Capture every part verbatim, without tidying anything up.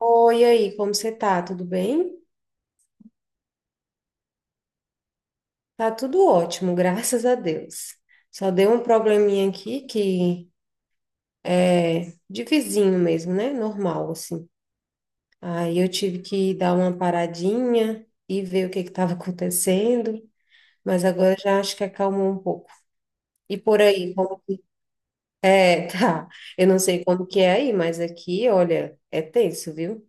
Oi, e aí, como você tá? Tudo bem? Tá tudo ótimo, graças a Deus. Só deu um probleminha aqui que é de vizinho mesmo, né? Normal, assim. Aí eu tive que dar uma paradinha e ver o que que estava acontecendo, mas agora já acho que acalmou um pouco. E por aí, como que... É, tá. Eu não sei como que é aí, mas aqui, olha, é tenso, viu?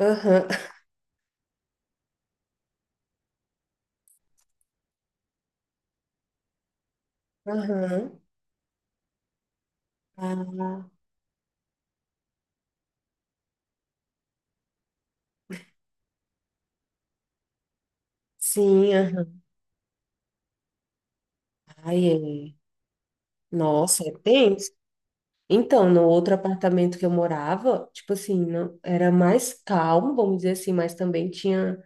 Aham, aham. Ah, sim, aham. Ai, é. Nossa, é tenso. Então, no outro apartamento que eu morava, tipo assim, não, era mais calmo, vamos dizer assim, mas também tinha,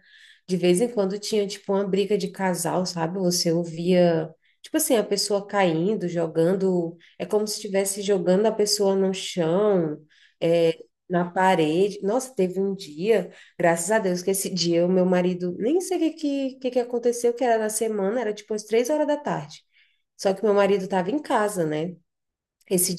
de vez em quando tinha, tipo, uma briga de casal, sabe? Você ouvia, tipo assim, a pessoa caindo, jogando, é como se estivesse jogando a pessoa no chão, é, na parede. Nossa, teve um dia, graças a Deus, que esse dia o meu marido, nem sei o que, que, que que aconteceu, que era na semana, era tipo umas três horas da tarde. Só que meu marido estava em casa, né? Esse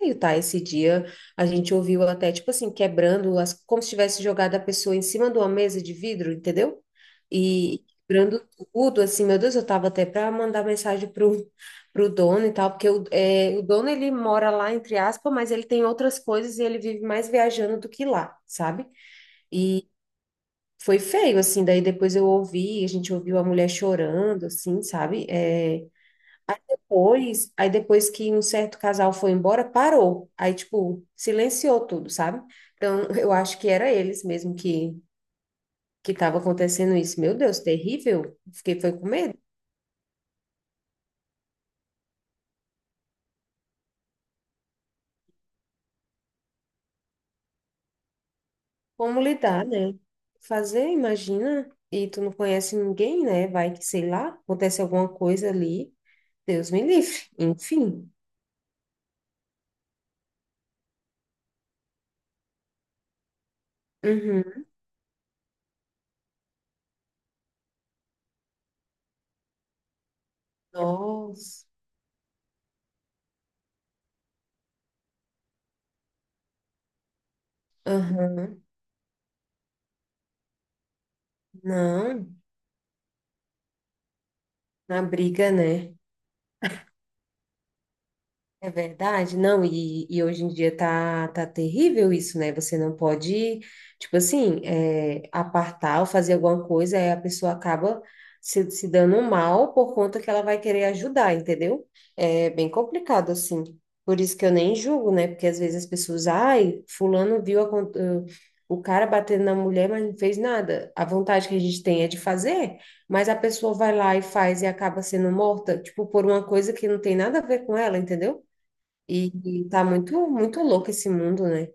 e tá, esse dia a gente ouviu ela até, tipo assim, quebrando as, como se tivesse jogado a pessoa em cima de uma mesa de vidro, entendeu? E quebrando tudo, assim, meu Deus, eu tava até para mandar mensagem pro, pro dono e tal, porque o, é, o dono, ele mora lá, entre aspas, mas ele tem outras coisas e ele vive mais viajando do que lá, sabe? E foi feio, assim, daí depois eu ouvi, a gente ouviu a mulher chorando, assim, sabe? É, pois, aí depois que um certo casal foi embora, parou. Aí, tipo, silenciou tudo, sabe? Então, eu acho que era eles mesmo que que estava acontecendo isso. Meu Deus, terrível. Fiquei foi com medo. Como lidar, né? Fazer, imagina. E tu não conhece ninguém, né? Vai que, sei lá, acontece alguma coisa ali. Deus me livre. Enfim. Uhum. Nossa. Aham. Não, na briga, né? É verdade, não, e, e hoje em dia tá, tá terrível isso, né? Você não pode, tipo assim, é, apartar ou fazer alguma coisa, aí a pessoa acaba se, se dando mal por conta que ela vai querer ajudar, entendeu? É bem complicado, assim. Por isso que eu nem julgo, né? Porque às vezes as pessoas, ai, fulano viu a con- eh, o cara batendo na mulher, mas não fez nada. A vontade que a gente tem é de fazer, mas a pessoa vai lá e faz e acaba sendo morta, tipo, por uma coisa que não tem nada a ver com ela, entendeu? E, e tá muito, muito louco esse mundo, né?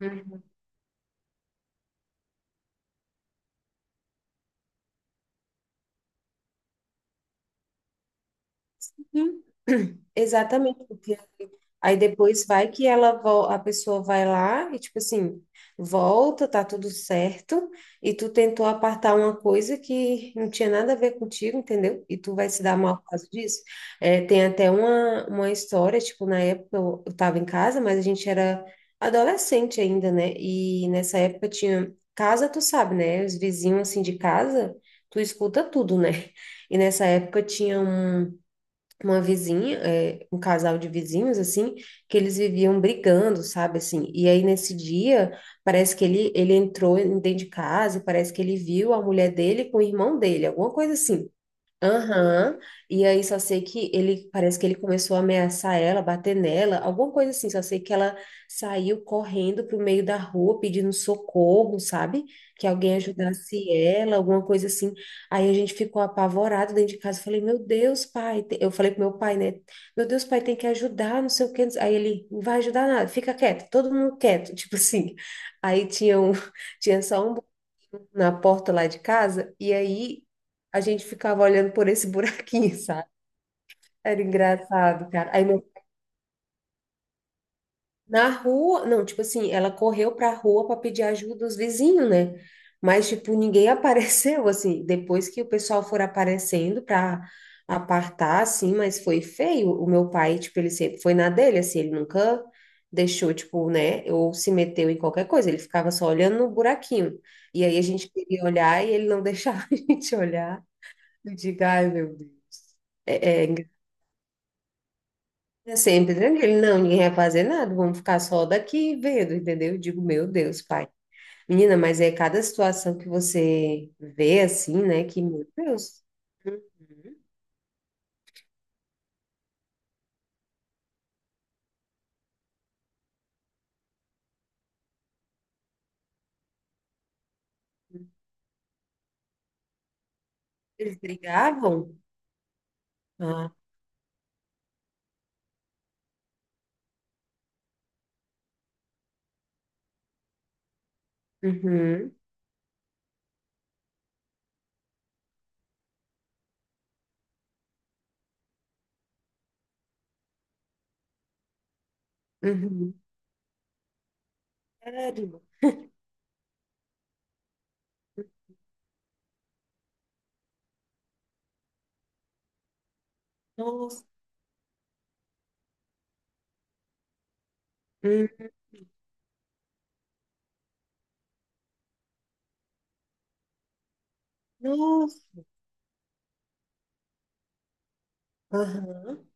Uhum. Uhum. Exatamente. Aí depois vai que ela vol- a pessoa vai lá e tipo assim, volta, tá tudo certo, e tu tentou apartar uma coisa que não tinha nada a ver contigo, entendeu? E tu vai se dar mal por causa disso. É, tem até uma, uma história, tipo, na época eu, eu tava em casa, mas a gente era adolescente ainda, né? E nessa época tinha casa, tu sabe, né? Os vizinhos assim de casa, tu escuta tudo, né? E nessa época tinha um uma vizinha, é, um casal de vizinhos, assim, que eles viviam brigando, sabe, assim, e aí nesse dia, parece que ele, ele entrou em- dentro de casa, e parece que ele viu a mulher dele com o irmão dele, alguma coisa assim, aham. E aí só sei que ele, parece que ele começou a ameaçar ela, bater nela, alguma coisa assim. Só sei que ela saiu correndo pro meio da rua pedindo socorro, sabe? Que alguém ajudasse ela, alguma coisa assim. Aí a gente ficou apavorado dentro de casa. Eu falei, meu Deus, pai. te- Eu falei pro meu pai, né? Meu Deus, pai, tem que ajudar, não sei o quê. Aí ele, não vai ajudar nada, fica quieto, todo mundo quieto, tipo assim. Aí tinha um, tinha só um na porta lá de casa, e aí a gente ficava olhando por esse buraquinho, sabe? Era engraçado, cara. Aí meu- na rua, não, tipo assim, ela correu pra rua para pedir ajuda dos vizinhos, né? Mas, tipo, ninguém apareceu, assim, depois que o pessoal for aparecendo pra apartar, assim, mas foi feio. O meu pai, tipo, ele sempre foi na dele, assim, ele nunca deixou, tipo, né, ou se meteu em qualquer coisa, ele ficava só olhando no buraquinho. E aí a gente queria olhar e ele não deixava a gente olhar. Eu digo, ai, meu Deus. É, é, engraçado. É sempre tranquilo. Não, ninguém vai fazer nada. Vamos ficar só daqui vendo, entendeu? Eu digo, meu Deus, pai. Menina, mas é cada situação que você vê assim, né? Que, meu Deus. Uhum. Eles brigavam? Ah. Uhum. Uhum. Sério? Nossa. Hum. Nossa. Aham.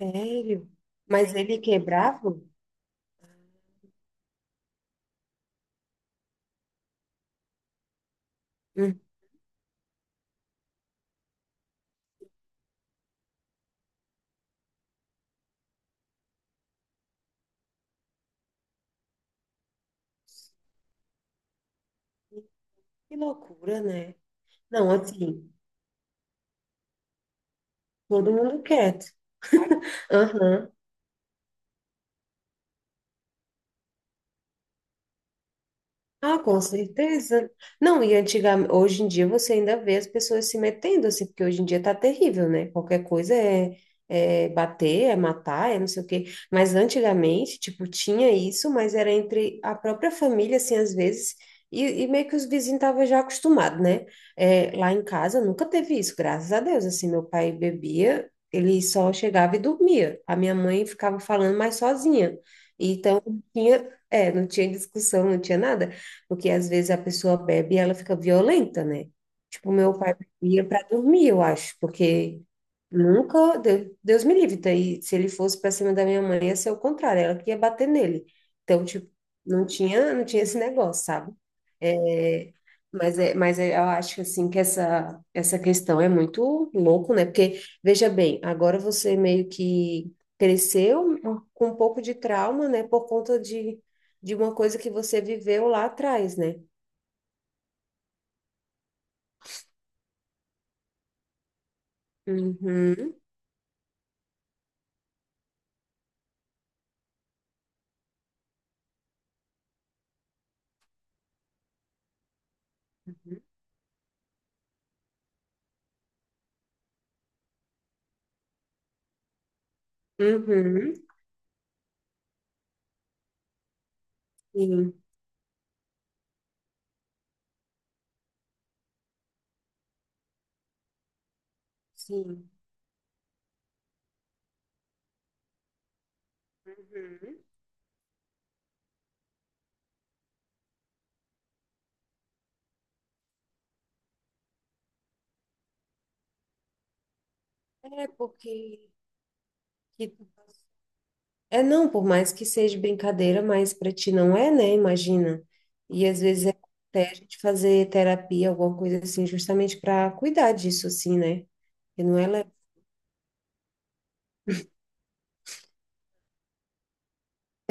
Sério? Mas ele quebrava? Hum. Que loucura, né? Não, assim, todo mundo quieto. Aham. Ah, com certeza. Não, e antigamente, hoje em dia você ainda vê as pessoas se metendo assim, porque hoje em dia tá terrível, né? Qualquer coisa é, é bater, é matar, é não sei o quê. Mas antigamente, tipo, tinha isso, mas era entre a própria família, assim, às vezes, e, e meio que os vizinhos estavam já acostumados, né? É, lá em casa nunca teve isso, graças a Deus. Assim, meu pai bebia, ele só chegava e dormia. A minha mãe ficava falando mais sozinha. Então, tinha, é, não tinha discussão, não tinha nada. Porque às vezes a pessoa bebe e ela fica violenta, né? Tipo, meu pai bebia para dormir, eu acho, porque nunca, De- Deus me livre, daí se ele fosse para cima da minha mãe, ia ser o contrário, ela que ia bater nele. Então, tipo, não tinha, não tinha esse negócio, sabe? É, mas, é, mas é- eu acho assim que essa, essa questão é muito louco, né? Porque, veja bem, agora você meio que cresceu com um pouco de trauma, né? Por conta de, de uma coisa que você viveu lá atrás, né? Uhum. Uhum. Sim, sim. Uhum. É porque que- tu- é não, por mais que seja brincadeira, mas para ti não é, né? Imagina. E às vezes é até a gente fazer terapia, alguma coisa assim, justamente para cuidar disso, assim, né? E não é legal.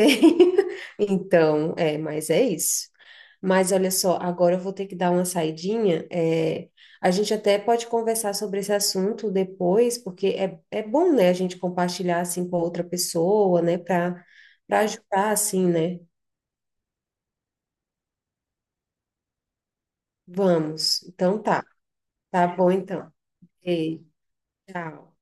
Então, é, mas é isso. Mas olha só, agora eu vou ter que dar uma saidinha. É, a gente até pode conversar sobre esse assunto depois, porque é, é bom, né, a gente compartilhar assim com outra pessoa, né, para para ajudar assim, né? Vamos. Então tá. Tá bom então. Ei, tchau.